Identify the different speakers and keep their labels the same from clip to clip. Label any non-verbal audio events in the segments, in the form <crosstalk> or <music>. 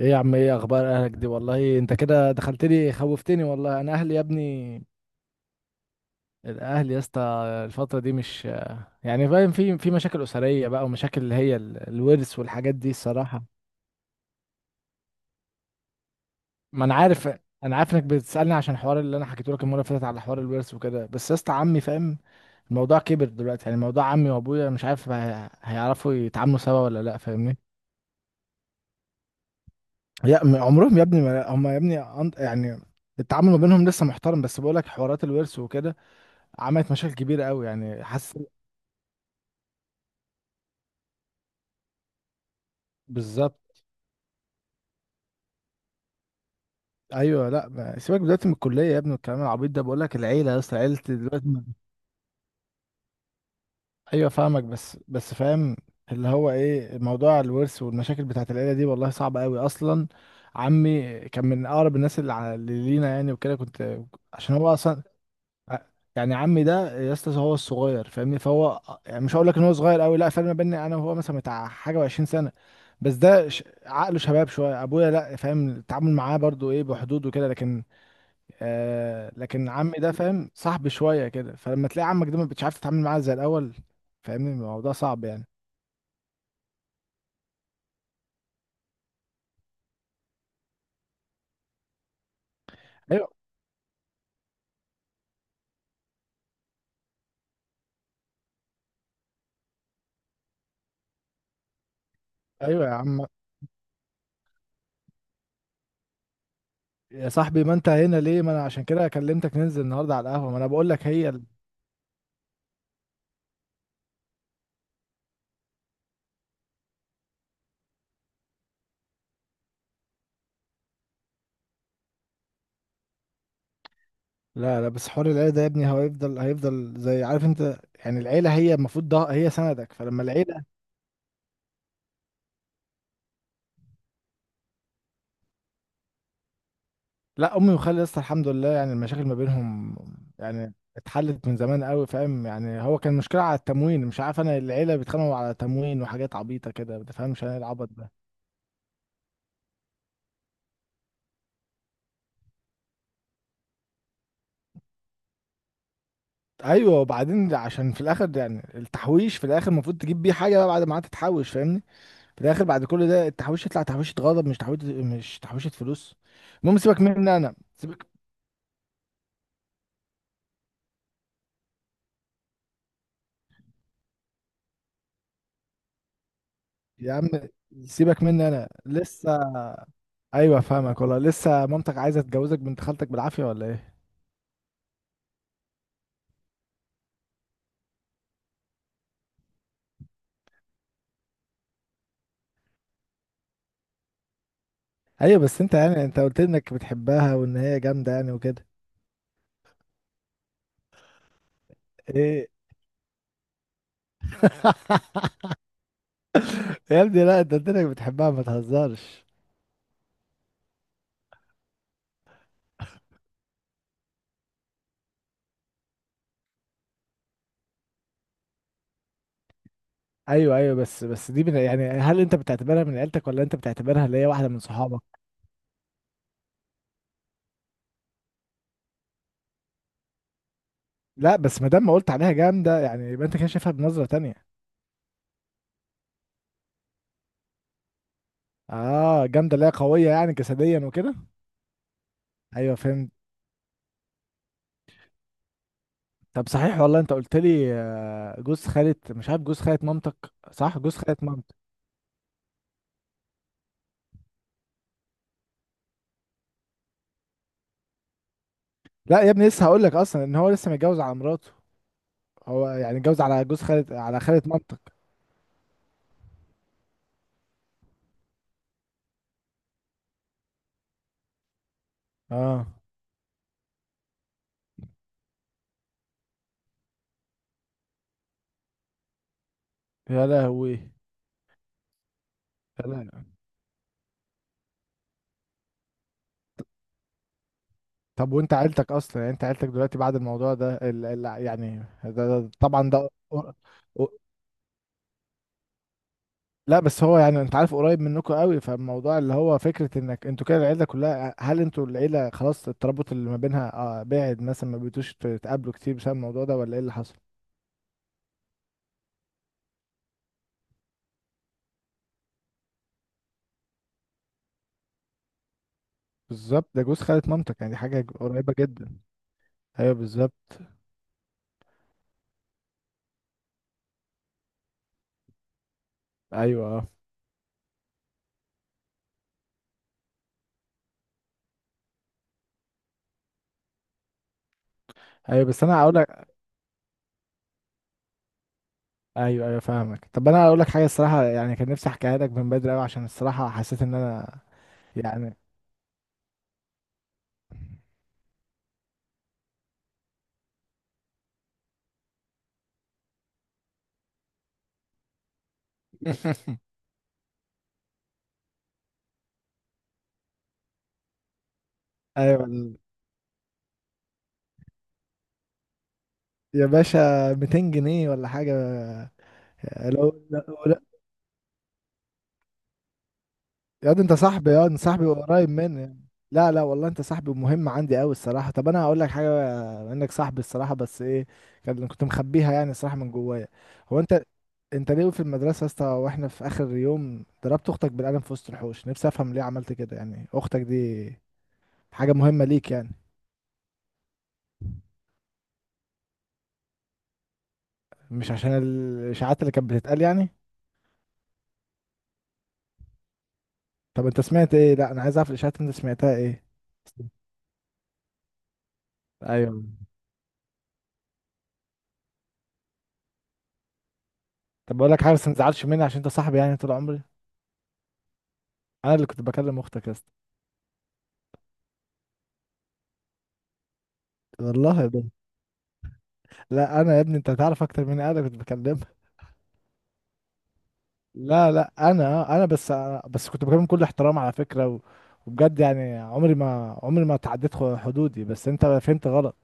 Speaker 1: ايه يا عم، ايه اخبار اهلك دي؟ والله انت كده دخلت لي خوفتني والله. انا اهلي يا ابني، الاهل يا اسطى. الفتره دي مش يعني فاهم، في مشاكل اسريه بقى، ومشاكل اللي هي الورث والحاجات دي الصراحه. ما انا عارف. انا عارف انك بتسالني عشان الحوار اللي انا حكيته لك المره اللي فاتت على حوار الورث وكده، بس يا اسطى عمي فاهم. الموضوع كبر دلوقتي، يعني موضوع عمي وابويا مش عارف هيعرفوا يتعاملوا سوا ولا لا، فاهمني؟ يا عمرهم يا ابني، ما هم يا ابني يعني التعامل ما بينهم لسه محترم، بس بقول لك حوارات الورث وكده عملت مشاكل كبيره قوي، يعني حاسس بالظبط. ايوه، لا سيبك دلوقتي من الكليه يا ابني والكلام العبيط ده، بقول لك العيله يا اسطى، عيله دلوقتي <laughs> ايوه فاهمك، بس فاهم. اللي هو ايه موضوع الورث والمشاكل بتاعت العيله دي، والله صعبه قوي اصلا. عمي كان من اقرب الناس اللي اللي لينا يعني، وكده كنت. عشان هو اصلا ع- يعني عمي ده يا اسطى هو الصغير، فاهمني؟ فهو يعني مش هقول لك ان هو صغير قوي، لا، فرق ما بيني انا وهو مثلا بتاع حاجه و20 سنه. بس ده عقله شباب شويه، ابويا لا، فاهم التعامل معاه برضو ايه بحدود وكده، لكن آه، لكن عمي ده فاهم صاحب شويه كده، فلما تلاقي عمك ده مش عارف تتعامل معاه زي الاول، فاهمني الموضوع صعب يعني. ايوه ايوه يا عم، يا صاحبي ما انت هنا ليه؟ ما انا عشان كده كلمتك ننزل النهارده على القهوه، ما انا بقول لك هي. لا لا، بس حوار العيلة ده يا ابني هو هيفضل زي عارف انت، يعني العيلة هي المفروض ده هي سندك، فلما العيلة. لا امي وخالي لسه الحمد لله، يعني المشاكل ما بينهم يعني اتحلت من زمان قوي، فاهم؟ يعني هو كان مشكلة على التموين، مش عارف، انا العيلة بيتخانقوا على تموين وحاجات عبيطة كده، ما تفهمش انا إيه العبط ده. ايوه، وبعدين عشان في الاخر يعني التحويش في الاخر المفروض تجيب بيه حاجة بقى بعد ما قعدت تحوش، فاهمني؟ في الاخر بعد كل ده التحويش يطلع تحويشة غضب، مش تحويشة فلوس. المهم سيبك مني انا، سيبك. يا عم سيبك مني انا لسه. ايوه فاهمك، والله لسه مامتك عايزه تجوزك بنت خالتك بالعافيه ولا ايه؟ ايوه، بس انت يعني انت قلت لي انك بتحبها وان هي جامده يعني وكده. ايه <laughs> يا ابني، لا انت قلت لك بتحبها ما تهزرش. ايوه ايوه، بس دي من، يعني هل انت بتعتبرها من عيلتك ولا انت بتعتبرها اللي هي واحده من صحابك؟ لا، بس ما دام ما قلت عليها جامده يعني يبقى انت كده شايفها بنظره تانية. اه جامده اللي هي قويه يعني جسديا وكده. ايوه فهمت. طب صحيح، والله انت قلت لي آه، جوز خالة مش عارف جوز خالة مامتك، صح؟ جوز خالة مامتك. لا يا ابني لسه هقول لك اصلا ان هو لسه متجوز على مراته، هو يعني اتجوز على جوز خالة، على خالة مامتك؟ اه. يا لهوي. يا لهوي. طب وانت عيلتك اصلا، يعني انت عيلتك دلوقتي بعد الموضوع ده يعني طبعا ده. لا بس هو يعني انت عارف قريب منكم قوي، فالموضوع اللي هو فكره انك انتوا كده العيله كلها، هل انتوا العيله خلاص الترابط اللي ما بينها آه بعد مثلا ما بقيتوش تتقابلوا كتير بسبب الموضوع ده ولا ايه اللي حصل؟ بالظبط ده جوز خالة مامتك، يعني دي حاجه قريبه جدا. ايوه بالظبط. ايوه اه، ايوه بس انا هقول لك. ايوه ايوه فاهمك. طب انا هقول لك حاجه، الصراحه يعني كان نفسي احكيها لك من بدري قوي عشان الصراحه حسيت ان انا يعني <laughs> ايوه يا باشا 200 جنيه ولا حاجه؟ لو يا ده انت صاحبي، يا ده انت صاحبي قريب مني يعني. لا لا والله انت صاحبي مهم عندي قوي الصراحه. طب انا هقول لك حاجه، بما انك صاحبي الصراحه، بس ايه كان كنت مخبيها يعني الصراحه من جوايا. هو انت، انت ليه في المدرسه يا اسطى واحنا في اخر يوم ضربت اختك بالقلم في وسط الحوش؟ نفسي افهم ليه عملت كده، يعني اختك دي حاجه مهمه ليك يعني؟ مش عشان الاشاعات اللي كانت بتتقال يعني؟ طب انت سمعت ايه؟ لا انا عايز اعرف الاشاعات اللي انت سمعتها ايه؟ ايوه. طب بقول لك حاجه، بس ما تزعلش مني عشان انت صاحبي يعني طول عمري. انا اللي كنت بكلم اختك يا اسطى. والله ده، لا انا يا ابني انت هتعرف اكتر مني، انا كنت بكلمها. لا لا انا بس كنت بكلم كل احترام على فكره، و... وبجد يعني عمري ما عمري ما تعديت حدودي، بس انت فهمت غلط.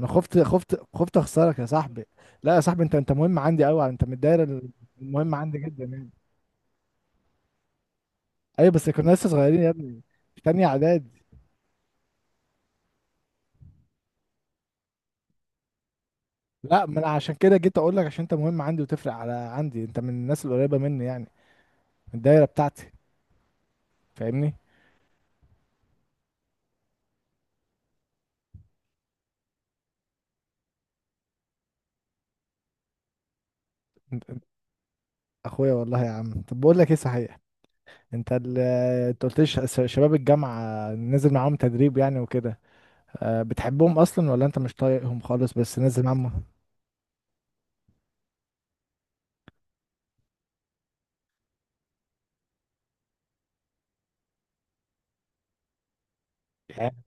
Speaker 1: انا خفت اخسرك يا صاحبي. لا يا صاحبي انت، انت مهم عندي قوي، انت من الدايره المهمه عندي جدا يعني. ايوه بس كنا لسه صغيرين يا ابني، في تانية اعدادي. لا ما انا عشان كده جيت اقول لك عشان انت مهم عندي وتفرق على عندي، انت من الناس القريبه مني يعني، من الدايره بتاعتي، فاهمني؟ اخويا والله يا عم. طب بقول لك ايه صحيح، انت انت قلت لي شباب الجامعه نزل معاهم تدريب يعني وكده، أه بتحبهم اصلا ولا انت مش طايقهم خالص بس نزل معاهم؟ يعني،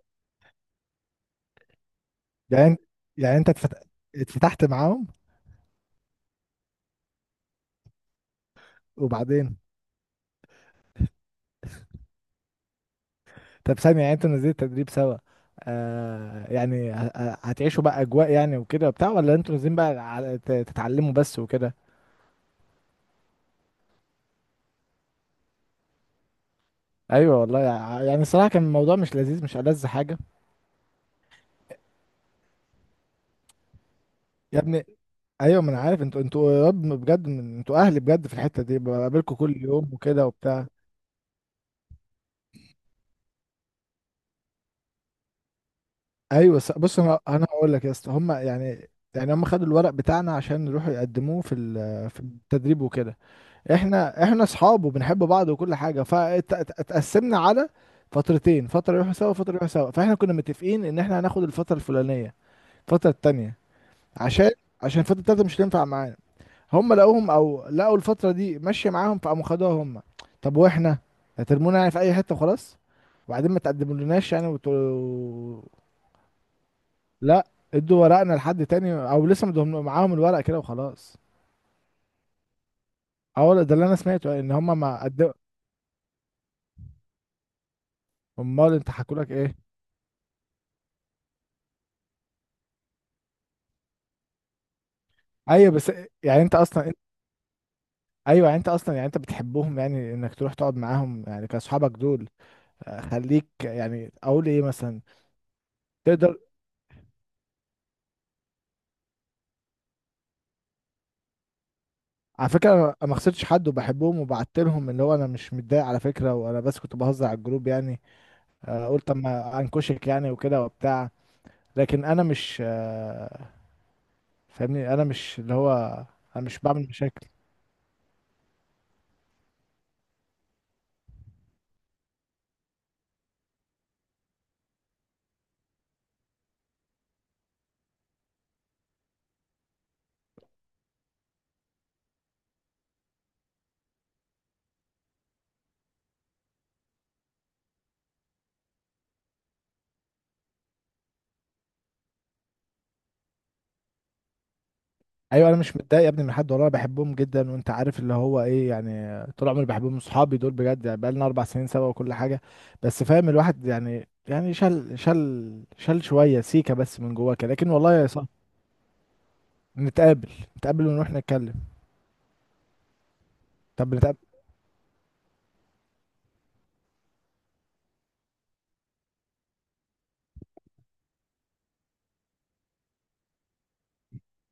Speaker 1: يعني أنت- يعني انت اتفتحت معاهم وبعدين؟ طب ثانيه، يعني انتوا نزلت تدريب سوا، أه يعني هتعيشوا بقى اجواء يعني وكده وبتاع ولا انتوا نازلين بقى تتعلموا بس وكده؟ ايوه والله يعني الصراحه كان الموضوع مش لذيذ، مش ألذ حاجه. يا ابني ايوه، ما انا عارف انتوا يا رب بجد انتوا اهلي بجد في الحته دي، بقابلكم كل يوم وكده وبتاع. ايوه بص، انا هقول لك يا اسطى هم يعني، يعني هم خدوا الورق بتاعنا عشان يروحوا يقدموه في في التدريب وكده. احنا اصحاب وبنحب بعض وكل حاجه، فاتقسمنا على فترتين، فتره يروحوا سوا، فتره يروحوا سوا، فاحنا كنا متفقين ان احنا هناخد الفتره الفلانيه، الفتره التانيه عشان الفتره التالته مش هتنفع معانا، هم لقوهم او لقوا الفتره دي ماشيه معاهم فقاموا خدوها هم. طب واحنا هترمونا يعني في اي حته وخلاص، وبعدين ما تقدمولناش يعني وتقولوا. لا، ادوا ورقنا لحد تاني او لسه مدهم معاهم الورق كده وخلاص. اه ده اللي انا سمعته، يعني ان هم ما قدموا. امال انت حكوا لك ايه؟ ايوه بس يعني انت اصلا انت. ايوه يعني انت اصلا يعني انت بتحبهم يعني، انك تروح تقعد معاهم يعني كاصحابك دول؟ آه، خليك يعني اقول ايه مثلا، تقدر. على فكرة أنا ما خسرتش حد وبحبهم وبعت لهم، اللي هو أنا مش متضايق على فكرة، وأنا بس كنت بهزر على الجروب يعني. آه، قلت أما أنكشك يعني وكده وبتاع، لكن أنا مش آه، فاهمني أنا مش اللي هو، أنا مش بعمل مشاكل. أيوة أنا مش متضايق يا ابني من حد والله، أنا بحبهم جدا، وأنت عارف اللي هو إيه، يعني طول عمري بحبهم أصحابي دول بجد، يعني بقالنا 4 سنين سوا وكل حاجة. بس فاهم الواحد يعني، يعني شل شوية سيكة بس من جواك، لكن والله يا صاحبي. نتقابل. نتقابل ونروح نتكلم. طب نتقابل.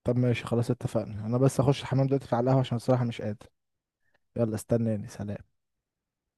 Speaker 1: طب ماشي خلاص اتفقنا، انا بس اخش الحمام دلوقتي، في على القهوة عشان الصراحة مش قادر. يلا استناني، سلام.